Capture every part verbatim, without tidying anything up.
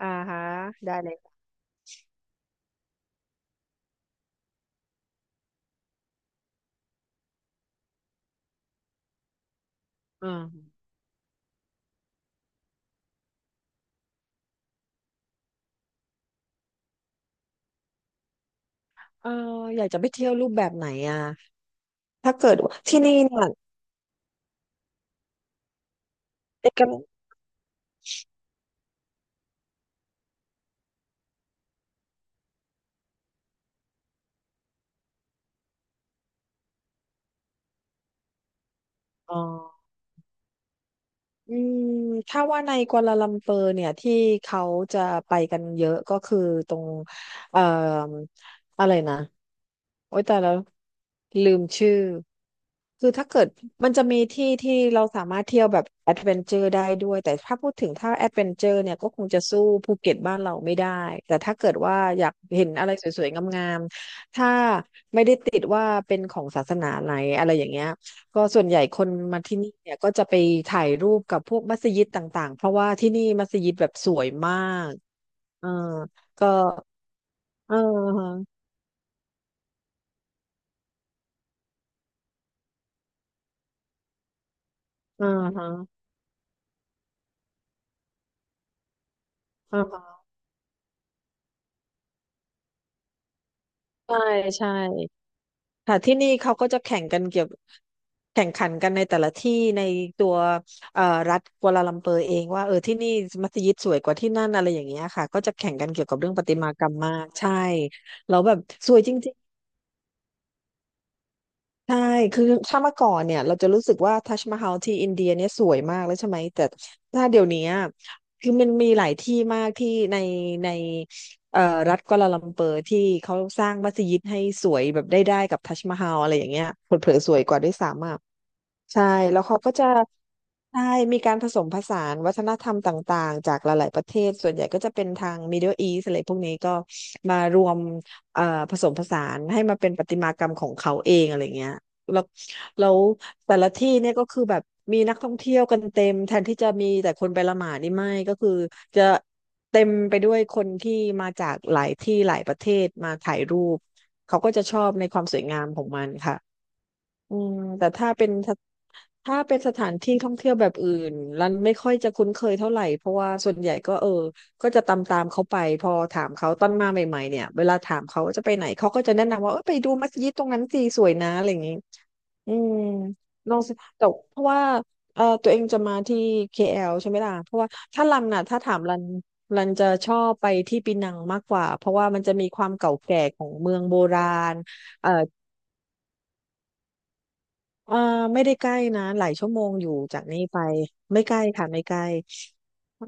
อ่าฮะได้เลยอ่าเอออยากจะไปเที่ยวรูปแบบไหนอ่ะถ้าเกิดว่าที่นี่เนี่ยเอกัอ๋อ อืมถ้าว่าในกัวลาลัมเปอร์เนี่ยที่เขาจะไปกันเยอะก็คือตรงเอ่ออะไรนะโอ๊ยแต่แล้วลืมชื่อคือถ้าเกิดมันจะมีที่ที่เราสามารถเที่ยวแบบแอดเวนเจอร์ได้ด้วยแต่ถ้าพูดถึงถ้าแอดเวนเจอร์เนี่ยก็คงจะสู้ภูเก็ตบ้านเราไม่ได้แต่ถ้าเกิดว่าอยากเห็นอะไรสวยๆงามๆถ้าไม่ได้ติดว่าเป็นของศาสนาไหนอะไรอย่างเงี้ย ก็ส่วนใหญ่คนมาที่นี่เนี่ยก็จะไปถ่ายรูปกับพวกมัสยิดต่างๆเพราะว่าที่นี่มัสยิดแบบสวยมากเออก็เออฮะเออฮะเออฮะใช่ใช่ค่ะที่นี่เขาก็จะแข่งกันเกี่ยวแข่งขันกันในแต่ละที่ในตัวเอ่อรัฐกัวลาลัมเปอร์เองว่าเออที่นี่มัสยิดสวยกว่าที่นั่นอะไรอย่างเงี้ยค่ะก็จะแข่งกันเกี่ยวกับเรื่องประติมากรรมมากใช่แล้วแบบสวยจริงๆ ใช่คือถ้าเมื่อก่อนเนี่ยเราจะรู้สึกว่าทัชมาฮาลที่อินเดียเนี่ยสวยมากแล้วใช่ไหม แต่ถ้าเดี๋ยวนี้อะคือมันมีหลายที่มากที่ในในเอ่อรัฐกัวลาลัมเปอร์ที่เขาสร้างมัสยิดให้สวยแบบได้ได้กับทัชมาฮาลอะไรอย่างเงี้ยเผลอๆสวยกว่าด้วยซ้ำอ่ะ ใช่แล้วเขาก็จะใช่มีการผสมผสานวัฒนธรรมต่างๆจากหลายๆประเทศส่วนใหญ่ก็จะเป็นทาง Middle East อะไรพวกนี้ก็มารวมเอ่อผสมผสานให้มาเป็นประติมากรรมของเขาเองอะไรเงี้ยแล้วแล้วแต่ละที่เนี่ยก็คือแบบมีนักท่องเที่ยวกันเต็มแทนที่จะมีแต่คนไปละหมาดนี่ไม่ก็คือจะเต็มไปด้วยคนที่มาจากหลายที่หลายประเทศมาถ่ายรูปเขาก็จะชอบในความสวยงามของมันค่ะ อืมแต่ถ้าเป็นสถถ้าเป็นสถานที่ท่องเที่ยวแบบอื่นรันไม่ค่อยจะคุ้นเคยเท่าไหร่เพราะว่าส่วนใหญ่ก็เออก็จะตามตามเขาไปพอถามเขาตอนมาใหม่ๆเนี่ยเวลาถามเขาว่าจะไปไหนเขาก็จะแนะนำว่าเออไปดูมัสยิดตรงนั้นสิสวยนะอะไรอย่างนี้อืมลองสิแต่เพราะว่าเออตัวเองจะมาที่ เค แอล ใช่ไหมล่ะเพราะว่าถ้ารันน่ะถ้าถามรันรันจะชอบไปที่ปีนังมากกว่าเพราะว่ามันจะมีความเก่าแก่ของเมืองโบราณเอ่อ เอ่อไม่ได้ใกล้นะหลายชั่วโมงอยู่จากนี้ไปไม่ใกล้ค่ะไม่ใกล้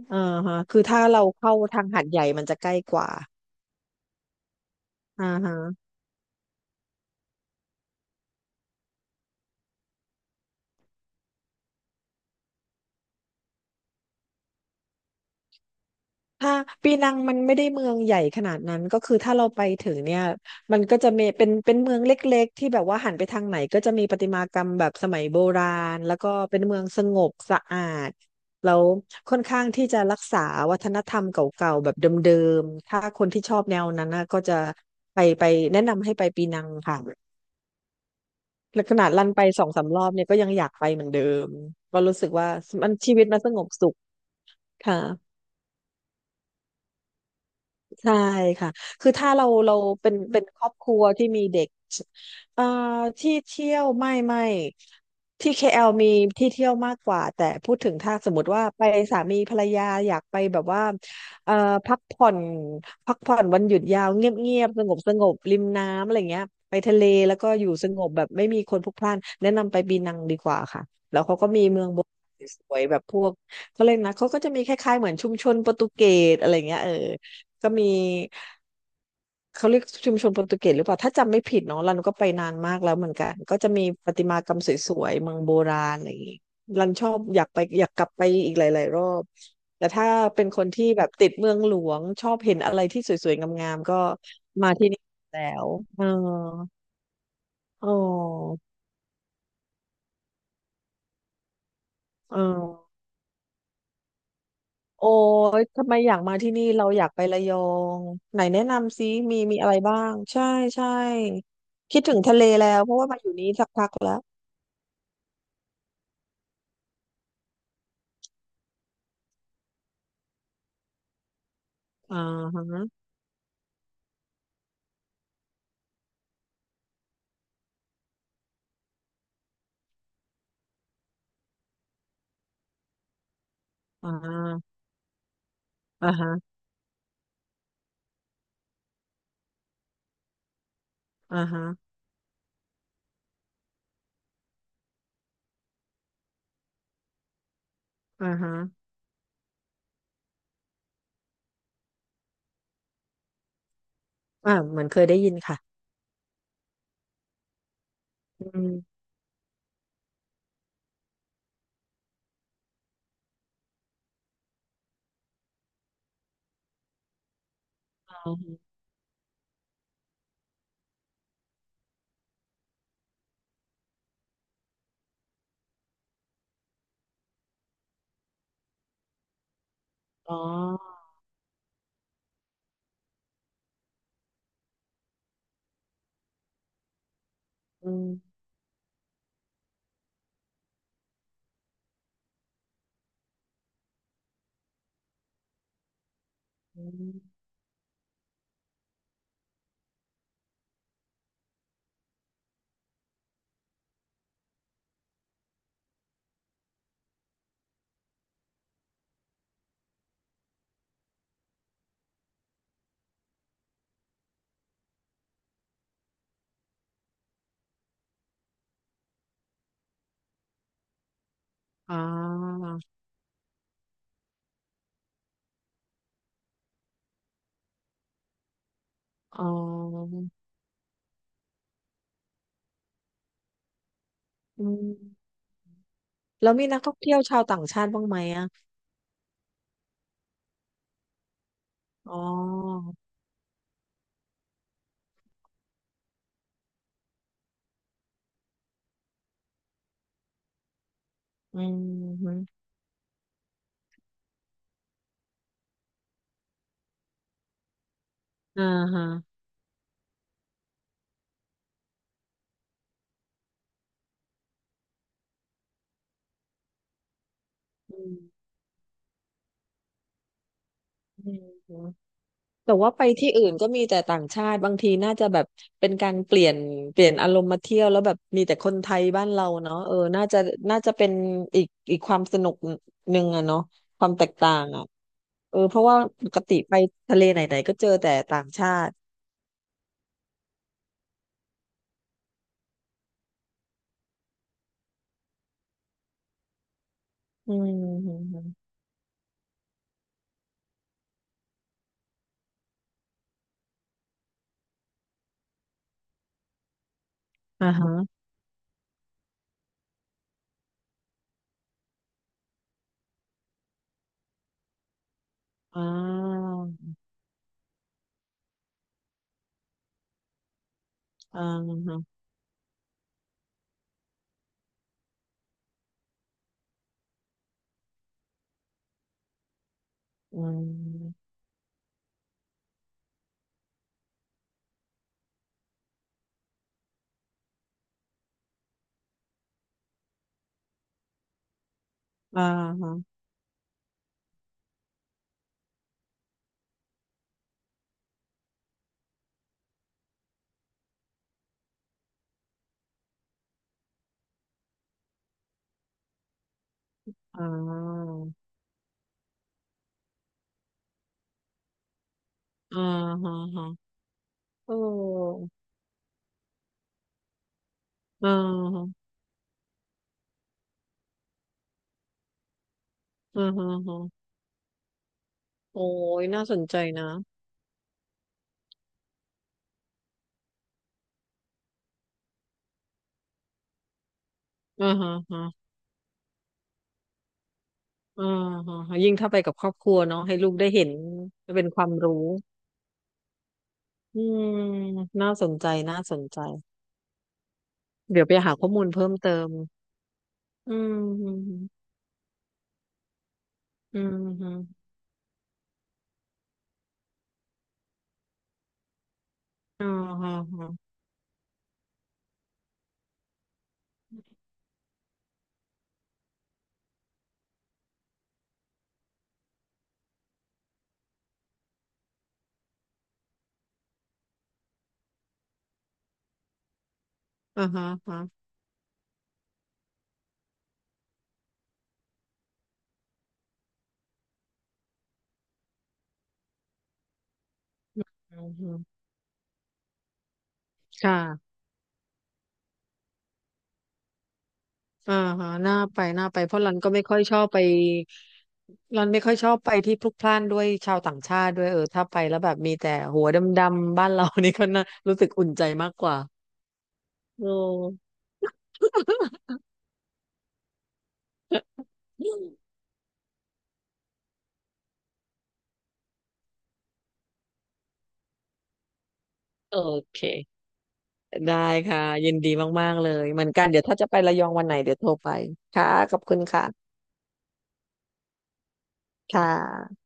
เอ่าฮะคือถ้าเราเข้าทางหาดใหญ่มันจะใกล้กว่าอ่าฮะ ถ้าปีนังมันไม่ได้เมืองใหญ่ขนาดนั้นก็คือถ้าเราไปถึงเนี่ยมันก็จะมีเป็นเป็นเมืองเล็กๆที่แบบว่าหันไปทางไหนก็จะมีประติมากรรมแบบสมัยโบราณแล้วก็เป็นเมืองสงบสะอาดแล้วค่อนข้างที่จะรักษาวัฒนธรรมเก่าๆแบบเดิมๆถ้าคนที่ชอบแนวนั้นนะก็จะไปไปแนะนำให้ไปปีนังค่ะและขนาดลันไปสองสามรอบเนี่ยก็ยังอยากไปเหมือนเดิมก็รู้สึกว่ามันชีวิตมันสงบสุขค่ะ ใช่ค่ะ คือถ้าเราเราเป็นเป็นครอบครัวที่มีเด็กเอ่อที่เที่ยวไม่ไม่ที่ เค แอล มีที่เที่ยวมากกว่าแต่พูดถึงถ้าสมมติว่าไปสามีภรรยาอยากไปแบบว่าเอ่อพักผ่อนพักผ่อนวันหยุดยาวเงียบเงียบสงบสงบริมน้ำอะไรเงี้ยไปทะเลแล้วก็อยู่สงบแบบไม่มีคนพลุกพล่านแนะนำไปปีนังดีกว่าค่ะแล้วเขาก็มีเมืองโบราณสวยๆแบบพวกเขาเลยกนะเขาก็จะมีคล้ายๆเหมือนชุมชนโปรตุเกสอะไรเงี้ยเออ ก็มีเขาเรียกชุมชนโปรตุเกสหรือเปล่าถ้าจำไม่ผิดเนาะรันก็ไปนานมากแล้วเหมือนกันก็จะมีประติมากรรมสวยๆเมืองโบราณอะไรอย่างงี้รันชอบอยากไปอยากกลับไปอีกหลายๆรอบแต่ถ้าเป็นคนที่แบบติดเมืองหลวงชอบเห็นอะไรที่สวยๆงามๆก็มาที่นี่แล้วเออเออเออ โอ้ยทำไมอยากมาที่นี่เราอยากไประยองไหนแนะนำซิมีมีอะไรบ้างใช่ใช่คิดถึงทะเลแล้วเพราะว่ามาอยู่นี้สักพักแล้วอ่าฮะอ่าอ่าฮะอ่าฮะอ่าฮะอ่าเหมือนเคยได้ยินค่ะอืมอ๋ออืมอมอ๋ออ๋ออืมแล้วมีนักท่องเที่ยวชาวต่างชาติบ้างไหมอ่ะอ๋ออืมฮึอ่าฮะอืม แต่ว่าไปที่อื่นก็มีแต่ต่างชาติบางทีน่าจะแบบเป็นการเปลี่ยนเปลี่ยนอารมณ์มาเที่ยวแล้วแบบมีแต่คนไทยบ้านเราเนาะเออน่าจะน่าจะเป็นอีกอีกความสนุกหนึ่งอะเนาะความแตกต่างอะเออเพราะว่าปกติไปทะเลไหนๆก็เจอแต่ต่างชาติอืมอมอืมอ่าฮะอ่าอ่าฮะอืมอ่าฮะอ่าอ่าฮะฮะเอออ่าฮะอ่าฮะฮะโอ้ยน่าสนใจนะ อ่าฮะฮะอ่าฮะฮะยิ่งถ้าไปกับครอบครัวเนาะให้ลูกได้เห็นเป็นความรู้อืมน่าสนใจน่าสนใจเดี๋ยวไปหาข้อมูลเพิ่มเติมอืมอืมอืมอืมอ่าฮะฮะอ่าฮะฮะอืมอืมค่ะอ่าฮะน่าไปน่าไปเพราะรันก็ไม่ค่อยชอบไปรันไม่ค่อยชอบไปที่พลุกพล่านด้วยชาวต่างชาติด้วยเออถ้าไปแล้วแบบมีแต่หัวดำๆบ้านเรา นี่ก็น่ารู้สึกอุ่นใจมากกว่าโอ้โอเค ได้ค่ะยินดีมากๆเลยเหมือนกันเดี๋ยวถ้าจะไประยองวันไหนเดี๋ยวโทรไปค่ะขอบคุณค่ะค่ะ